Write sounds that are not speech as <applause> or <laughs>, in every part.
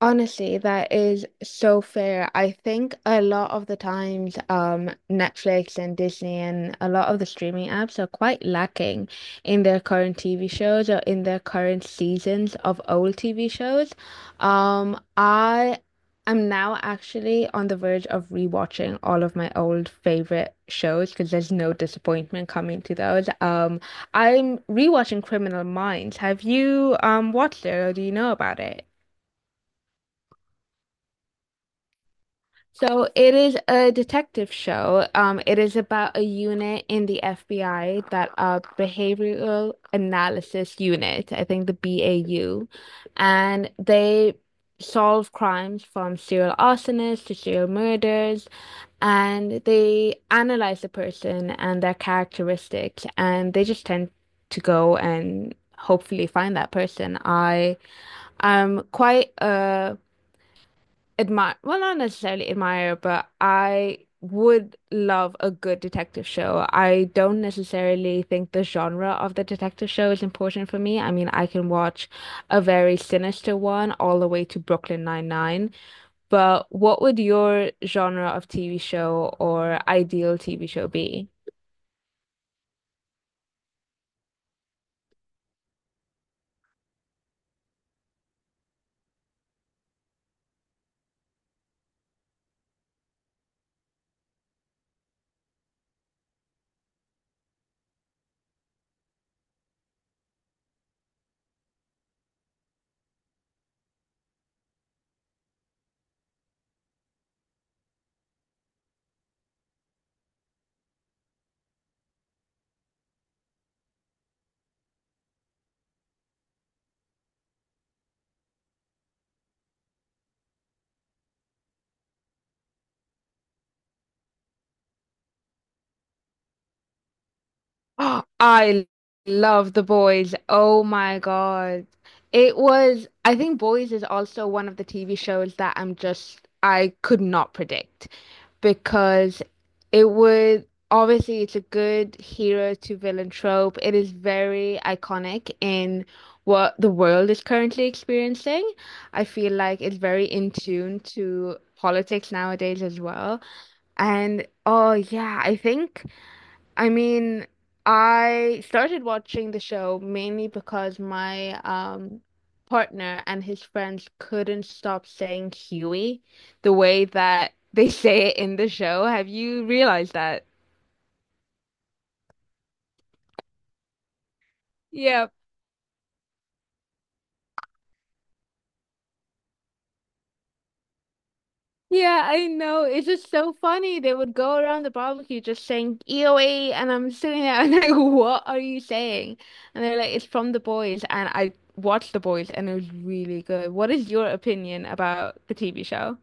Honestly, that is so fair. I think a lot of the times, Netflix and Disney and a lot of the streaming apps are quite lacking in their current TV shows or in their current seasons of old TV shows. I am now actually on the verge of rewatching all of my old favorite shows because there's no disappointment coming to those. I'm rewatching Criminal Minds. Have you watched it or do you know about it? So it is a detective show. It is about a unit in the FBI, that behavioral analysis unit, I think, the BAU, and they solve crimes from serial arsonists to serial murders, and they analyze the person and their characteristics, and they just tend to go and hopefully find that person. I am quite a admire, well, not necessarily admire, but I would love a good detective show. I don't necessarily think the genre of the detective show is important for me. I mean, I can watch a very sinister one all the way to Brooklyn Nine-Nine, but what would your genre of TV show or ideal TV show be? <gasps> I love The Boys. Oh my God. It was, I think Boys is also one of the TV shows that I'm just, I could not predict because it would, obviously, it's a good hero to villain trope. It is very iconic in what the world is currently experiencing. I feel like it's very in tune to politics nowadays as well. And oh, yeah, I think. I mean, I started watching the show mainly because my partner and his friends couldn't stop saying Huey the way that they <laughs> say it in the show. Have you realized that? Yeah. Yeah, I know. It's just so funny. They would go around the barbecue just saying EOE, and I'm sitting there and <laughs> like, what are you saying? And they're like, it's from The Boys, and I watched The Boys and it was really good. What is your opinion about the TV show?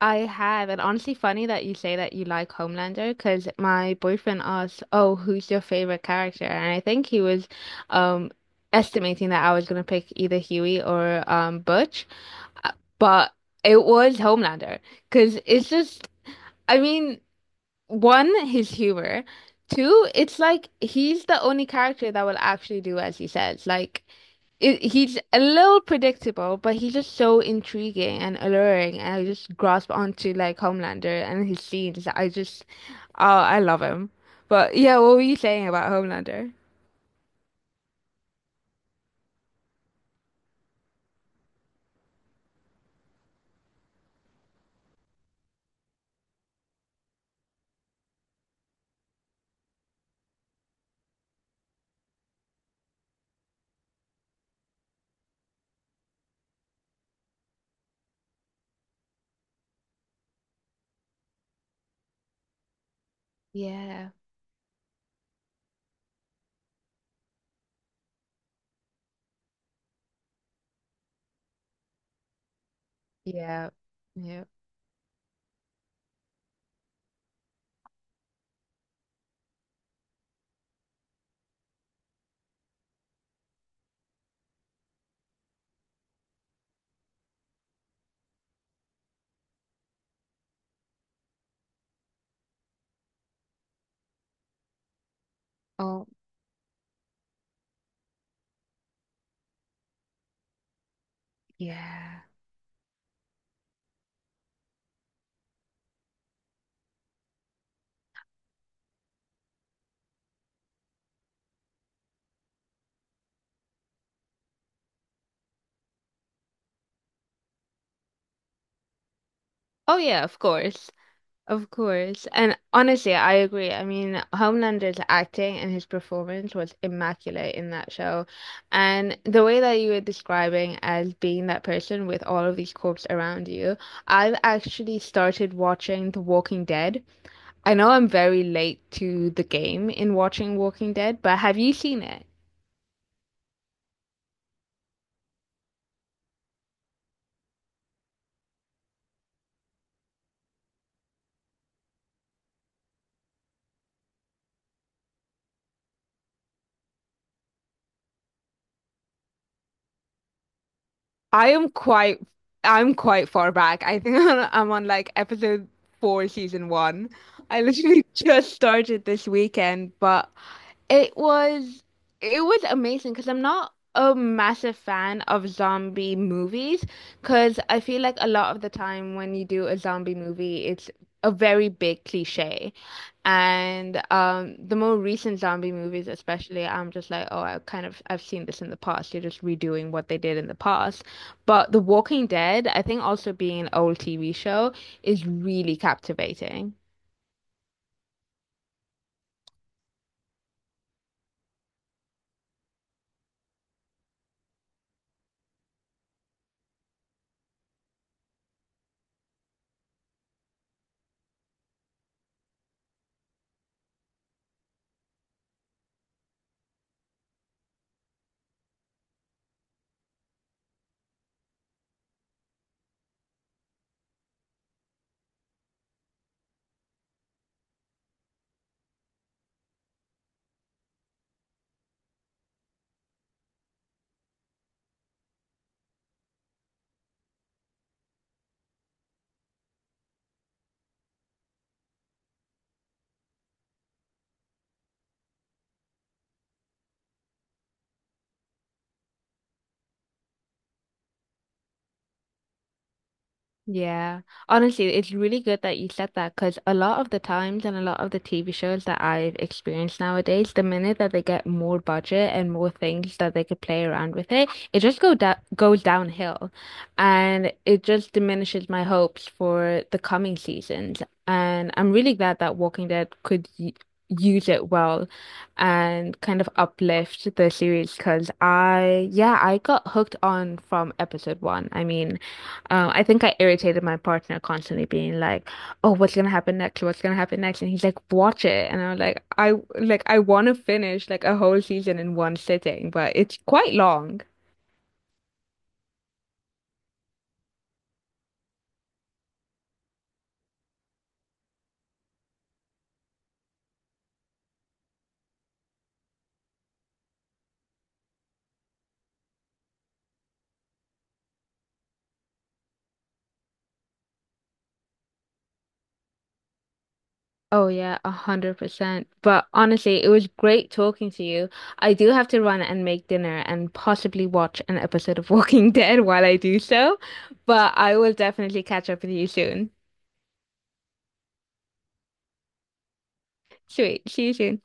I have, and honestly, funny that you say that you like Homelander because my boyfriend asked, "Oh, who's your favorite character?" And I think he was, um, estimating that I was gonna pick either Huey or Butch. Uh, but it was Homelander because it's just, I mean, one, his humor, two, it's like he's the only character that will actually do as he says, like he's a little predictable, but he's just so intriguing and alluring, and I just grasp onto like Homelander and his scenes. I just, oh, I love him. But yeah, what were you saying about Homelander? Yeah, yeah, yeah. Oh, yeah. Oh, yeah, of course. Of course. And honestly, I agree. I mean, Homelander's acting and his performance was immaculate in that show. And the way that you were describing as being that person with all of these corpses around you, I've actually started watching The Walking Dead. I know I'm very late to the game in watching Walking Dead, but have you seen it? I am quite I'm quite far back. I think <laughs> I'm on like episode 4, season 1. I literally <laughs> just started this weekend, but it was it was amazing because I'm not a massive fan of zombie movies because I feel like a lot of the time when you do a zombie movie, it's a very big cliche. And the more recent zombie movies, especially, I'm just like, oh, I kind of I've seen this in the past. You're just redoing what they did in the past. But The Walking Dead, I think also being an old TV show, is really captivating. Yeah. Honestly, it's really good that you said that because a lot of the times and a lot of the TV shows that I've experienced nowadays, the minute that they get more budget and more things that they could play around with it, it just go da goes downhill, and it just diminishes my hopes for the coming seasons. And I'm really glad that Walking Dead could y use it well and kind of uplift the series because yeah, I got hooked on from episode 1. I mean, I think I irritated my partner constantly being like, "Oh, what's gonna happen next? What's gonna happen next?" And he's like, "Watch it." And I'm like I want to finish like a whole season in one sitting, but it's quite long." Oh yeah, 100%. But honestly, it was great talking to you. I do have to run and make dinner and possibly watch an episode of Walking <laughs> Dead while I do so, but I will definitely catch up with you soon. Sweet, see you soon.